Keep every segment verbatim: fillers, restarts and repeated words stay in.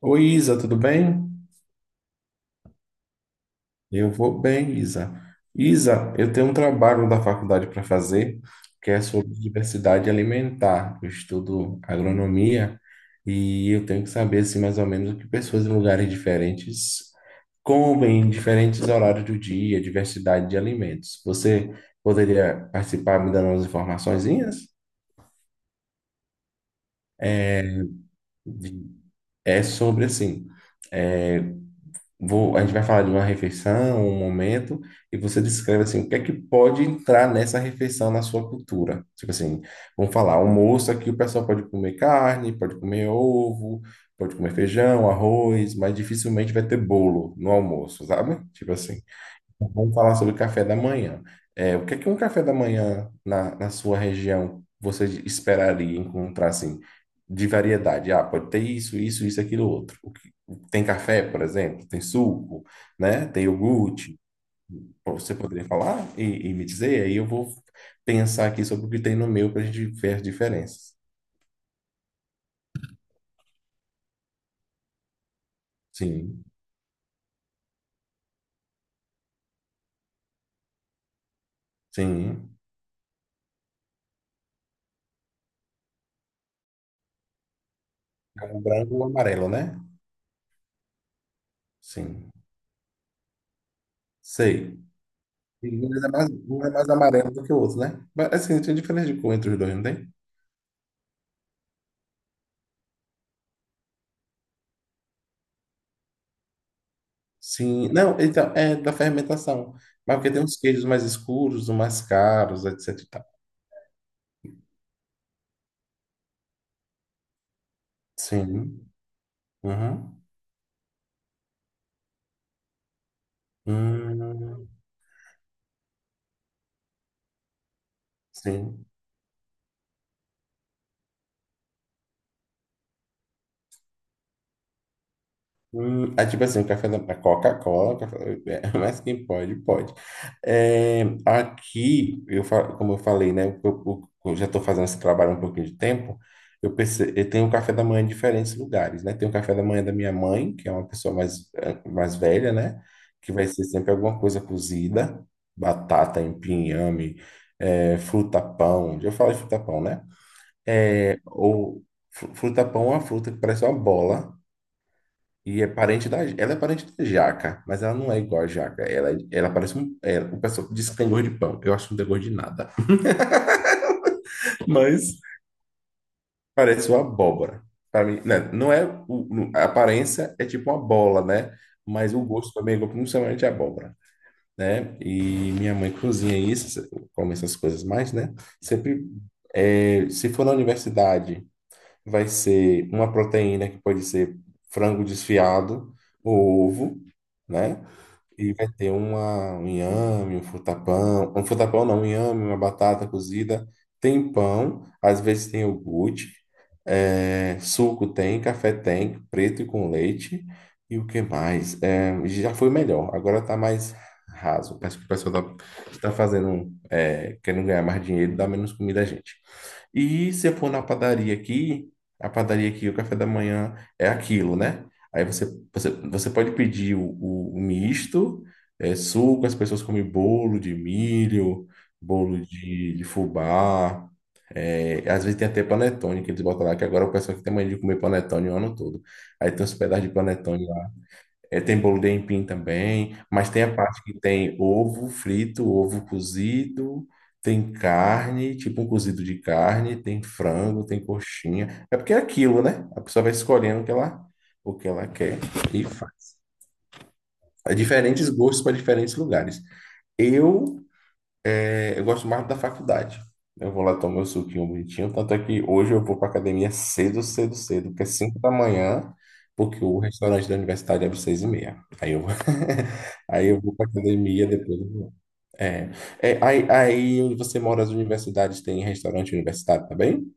Oi, Isa, tudo bem? Eu vou bem, Isa. Isa, eu tenho um trabalho da faculdade para fazer, que é sobre diversidade alimentar. Eu estudo agronomia e eu tenho que saber, assim, mais ou menos o que pessoas em lugares diferentes comem em diferentes horários do dia, diversidade de alimentos. Você poderia participar me dando umas informaçõezinhas? De- É sobre, assim, é, Vou, a gente vai falar de uma refeição, um momento, e você descreve assim, o que é que pode entrar nessa refeição na sua cultura? Tipo assim, vamos falar, almoço aqui o pessoal pode comer carne, pode comer ovo, pode comer feijão, arroz, mas dificilmente vai ter bolo no almoço, sabe? Tipo assim. Vamos falar sobre café da manhã. É, o que é que um café da manhã na, na sua região você esperaria encontrar assim de variedade? Ah, pode ter isso, isso, isso, aquilo, outro. O que- tem café, por exemplo, tem suco, né? Tem iogurte. Você poderia falar e, e me dizer? Aí eu vou pensar aqui sobre o que tem no meu para a gente ver as diferenças. Sim, sim. É um branco ou amarelo, né? Sim. Sei. Ele é mais, um é mais amarelo do que o outro, né? Mas, assim, tem diferença de cor entre os dois, não tem? Sim, não, então, é da fermentação. Mas porque tem uns queijos mais escuros, uns mais caros, etc e tal. Sim. Uhum. Hum, sim. Hum, ah, tipo assim, o café da a Coca-Cola, o café- mas quem pode, pode. É, aqui, eu, fa- como eu falei, né? Eu, eu- eu já estou fazendo esse trabalho há um pouquinho de tempo. Eu, perce- eu tenho um café da manhã em diferentes lugares, né? Tem o café da manhã da minha mãe, que é uma pessoa mais, eh, mais velha, né? Que vai ser sempre alguma coisa cozida, batata, empim, inhame, eh, fruta pão. Já falei fruta pão, né? É, ou fru- fruta pão é uma fruta que parece uma bola. E é parente da. Ela é parente da jaca, mas ela não é igual a jaca. Ela, é, ela parece um. É, o pessoal diz que tem gosto de pão. Eu acho que não tem gosto de nada. Mas parece uma abóbora. Para mim, né, não é. O- não- a aparência é tipo uma bola, né? Mas o gosto também é igual, principalmente a abóbora, né? E minha mãe cozinha isso, come essas coisas mais, né? Sempre. é, se for na universidade, vai ser uma proteína que pode ser frango desfiado, ou ovo, né? E vai ter uma, um inhame, um frutapão. Um frutapão não, um inhame, uma batata cozida. Tem pão, às vezes tem iogurte. é, suco tem, café tem, preto e com leite. E o que mais? É, já foi melhor, agora tá mais raso. Parece que o pessoal tá, tá fazendo, é, querendo ganhar mais dinheiro, dá menos comida a gente. E se eu for na padaria aqui, a padaria aqui, o café da manhã é aquilo, né? Aí você, você, você pode pedir o, o- o misto, é, suco, as pessoas comem bolo de milho, bolo de, de fubá, é, às vezes tem até panetone que eles botam lá, que agora o pessoal que tem mania de comer panetone o ano todo. Aí tem uns pedaços de panetone é, tem bolo de aipim também, mas tem a parte que tem ovo frito, ovo cozido, tem carne, tipo um cozido de carne, tem frango, tem coxinha. É porque é aquilo, né? A pessoa vai escolhendo o que ela, o que ela quer e faz. Há diferentes gostos para diferentes lugares. Eu é, Eu gosto mais da faculdade. Eu vou lá tomar meu suquinho bonitinho. Tanto é que hoje eu vou para academia cedo, cedo, cedo, porque é cinco da manhã, porque o restaurante da universidade abre seis e meia. Aí eu, vou- aí eu vou para academia depois. Eu vou. É, é, aí, aí onde você mora, as universidades têm restaurante universitário também?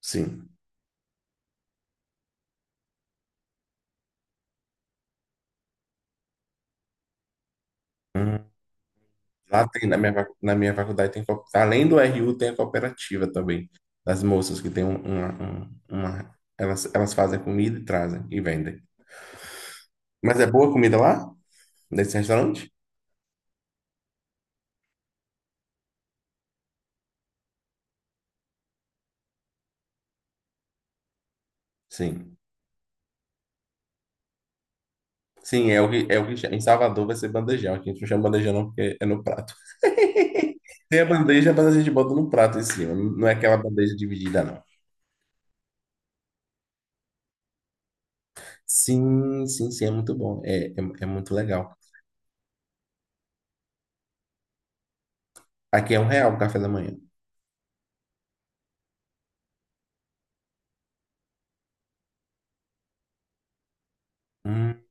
Sim. Hum. Lá tem, na minha, va- na minha faculdade tem, co- além do R U, tem a cooperativa também, das moças que tem um- uma, um- uma- elas, elas fazem comida e trazem e vendem. Mas é boa a comida lá? Nesse restaurante? Sim. Sim, é o que, é o que cha- em Salvador vai ser bandejão. Aqui a gente não chama bandejão não, porque é no prato. Tem a bandeja, mas a gente bota no prato em cima. Não é aquela bandeja dividida, não. Sim, sim, sim, é muito bom. É, é, é muito legal. Aqui é um real o café da manhã. Hum.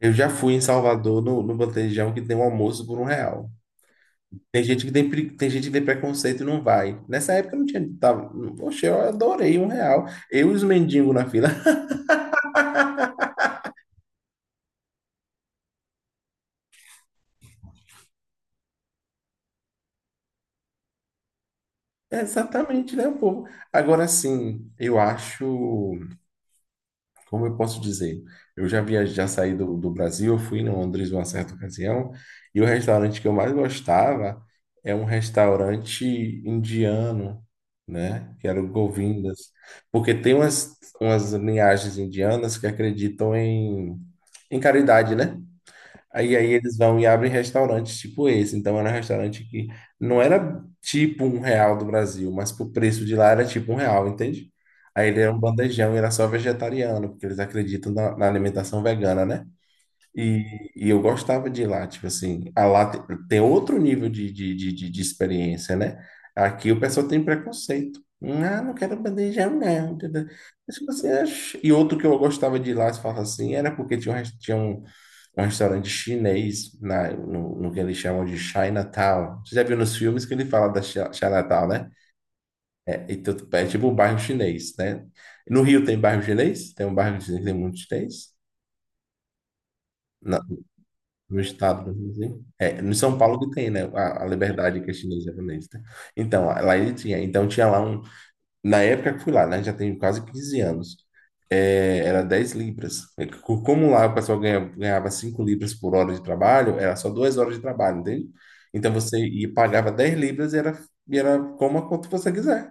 Eu já fui em Salvador no, no bandejão que tem um almoço por um real. Tem gente que tem, pre- tem gente que tem preconceito e não vai. Nessa época eu não tinha. Tava, poxa, eu adorei um real. Eu e os mendigos na fila. É exatamente, né, o povo? Agora sim, eu acho. Como eu posso dizer? Eu já viajei, já saí do, do Brasil, eu fui em Londres uma certa ocasião, e o restaurante que eu mais gostava é um restaurante indiano, né? Que era o Govindas. Porque tem umas, umas linhagens indianas que acreditam em, em caridade, né? Aí, aí eles vão e abrem restaurantes tipo esse. Então era um restaurante que não era tipo um real do Brasil, mas pro preço de lá era tipo um real, entende? Aí ele era um bandejão e era só vegetariano, porque eles acreditam na, na alimentação vegana, né? E, e eu gostava de ir lá, tipo assim, a lá te- tem outro nível de, de, de, de- de experiência, né? Aqui o pessoal tem preconceito. Ah, não quero bandejão, não. Entendeu? Mas, tipo assim, ach- e outro que eu gostava de ir lá, se fala assim, era porque tinha um, res- tinha um, um restaurante chinês na, no, no que eles chamam de Chinatown. Você já viu nos filmes que ele fala da Chi- Chinatown, né? É, então, é tipo o bairro chinês, né? No Rio tem bairro chinês? Tem um bairro chinês que tem muito chinês? No estado, brasileiro. é, no São Paulo que tem, né, a, a liberdade que é chinesa japonesa. Tá? Então, lá ele tinha, então tinha lá um, na época que fui lá, né, já tem quase quinze anos, é, era dez libras. É que co- Como lá o pessoal ganha- ganhava cinco libras por hora de trabalho, era só duas horas de trabalho, entende? Então você ia, pagava dez libras e era, e era coma quanto você quiser.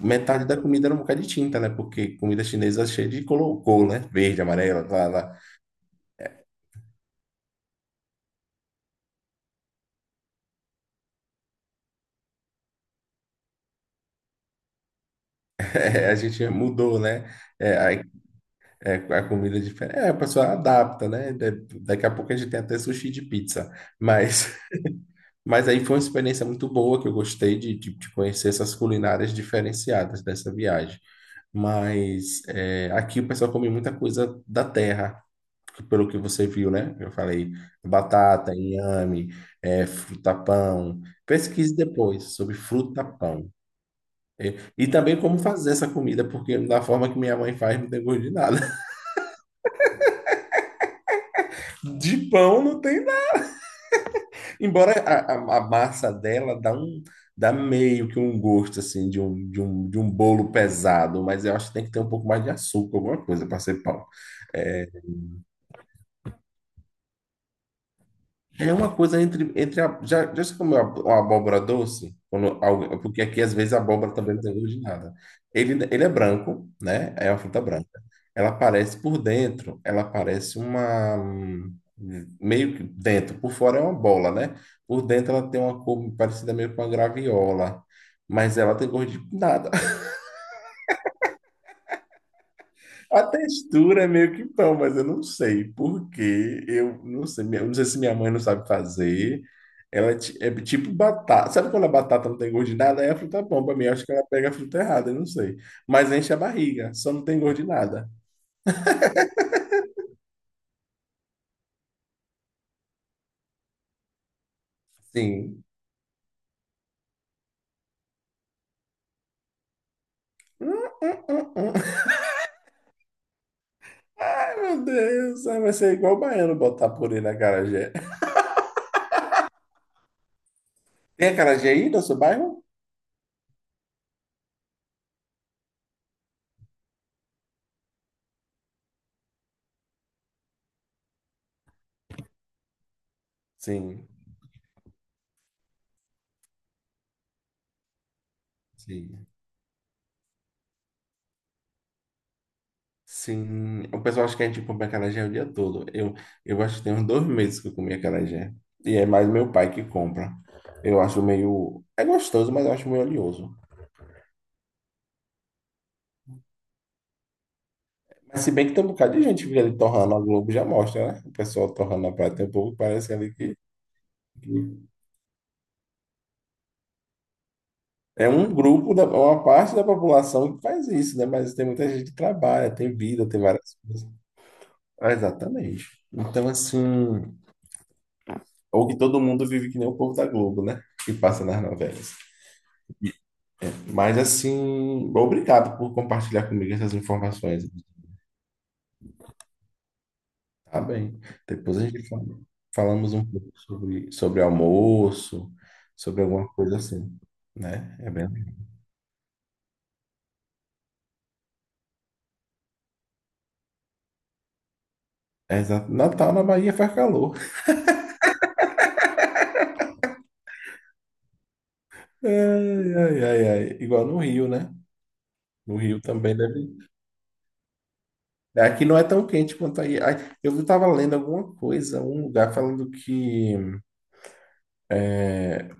Metade da comida era um bocado de tinta, né, porque comida chinesa é cheia de colocou, né, verde, amarelo, lá, lá. É, a gente mudou, né, é, aí é, a comida é diferente. É, a pessoa adapta, né? Da- Daqui a pouco a gente tem até sushi de pizza. Mas, mas aí foi uma experiência muito boa que eu gostei de, de, de conhecer essas culinárias diferenciadas dessa viagem. Mas é, aqui o pessoal come muita coisa da terra, pelo que você viu, né? Eu falei batata, inhame, é, fruta-pão. Pesquise depois sobre fruta-pão. E também como fazer essa comida, porque da forma que minha mãe faz, não tem gosto de nada. De pão não tem. Embora a, a- a massa dela dá um, dá meio que um gosto assim de um, de um, de um, bolo pesado, mas eu acho que tem que ter um pouco mais de açúcar, alguma coisa para ser pão. É uma coisa entre, entre a- já, já se comeu ab- uma abóbora doce? Quando alguém- porque aqui às vezes a abóbora também não tem gosto de nada. Ele, ele é branco, né? É uma fruta branca. Ela parece por dentro, ela parece uma hum, meio que dentro, por fora é uma bola, né? Por dentro ela tem uma cor parecida meio com uma graviola, mas ela tem gosto de nada. A textura é meio que pão, mas eu não sei por quê. Eu não sei, minha- eu não sei se minha mãe não sabe fazer. Ela é ti- é tipo batata. Sabe quando a batata não tem gosto de nada? Aí a fruta é bom pra mim. Eu acho que ela pega a fruta errada, eu não sei. Mas enche a barriga, só não tem gosto de nada. Sim. Hum, hum, hum, hum. Ai, meu Deus, vai ser igual o baiano botar purê na acarajé. Tem acarajé aí no seu bairro? Sim, sim. Sim, o pessoal acha que a gente compra acarajé o dia todo. Eu, eu acho que tem uns dois meses que eu comi acarajé. E é mais meu pai que compra. Eu acho meio. É gostoso, mas eu acho meio oleoso. Mas se bem que tem um bocado de gente que fica ali torrando, a Globo já mostra, né? O pessoal torrando a praia. Tem um pouco que parece ali que. que É um grupo, da, uma parte da população que faz isso, né? Mas tem muita gente que trabalha, tem vida, tem várias coisas. Ah, exatamente. Então, assim. Ou que todo mundo vive que nem o povo da Globo, né? Que passa nas novelas. Mas assim, obrigado por compartilhar comigo essas informações. Tá bem. Depois a gente fala- falamos um pouco sobre, sobre almoço, sobre alguma coisa assim, né? É bem... é exa- Natal na Bahia faz calor. Ai, ai, ai, ai. Igual no Rio, né? No Rio também deve. Aqui não é tão quente quanto aí. Ai, eu estava lendo alguma coisa, um lugar falando que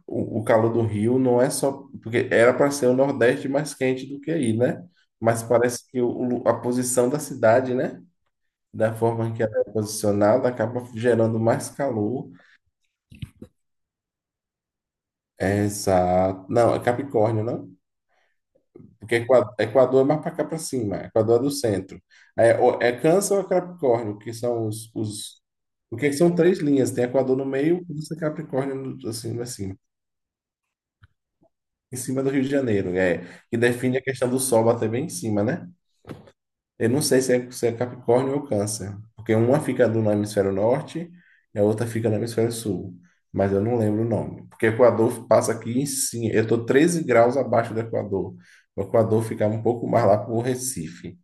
O, o calor do Rio não é só. Porque era para ser o Nordeste mais quente do que aí, né? Mas parece que o, o- a posição da cidade, né? Da forma que ela é posicionada, acaba gerando mais calor. Exato. Não, é Capricórnio, não? Porque Equa- Equador é mais para cá para cima. Equador é do centro. É, ou- é Câncer ou é Capricórnio, que são os, os. Porque são três linhas. Tem Equador no meio, Câncer e Capricórnio no- assim, assim, em cima do Rio de Janeiro. É, que define a questão do Sol bater bem em cima, né? Eu não sei se é, se é Capricórnio ou Câncer, porque uma fica no hemisfério norte e a outra fica no hemisfério sul, mas eu não lembro o nome, porque o Equador passa aqui em cima, eu estou treze graus abaixo do Equador, o Equador fica um pouco mais lá para o Recife,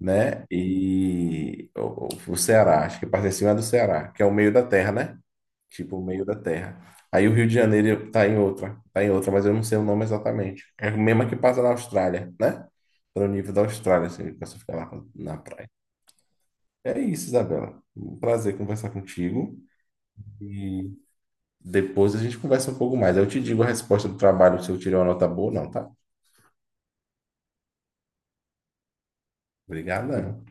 né? E o, o o Ceará, acho que passa em cima do Ceará, que é o meio da terra, né? Tipo o meio da Terra. Aí o Rio de Janeiro tá em outra, tá em outra, mas eu não sei o nome exatamente. É a mesma que passa na Austrália, né? Pelo nível da Austrália, assim, que você fica lá na praia. É isso, Isabela. Um prazer conversar contigo. E depois a gente conversa um pouco mais. Eu te digo a resposta do trabalho se eu tirei uma nota boa ou não, tá? Obrigado.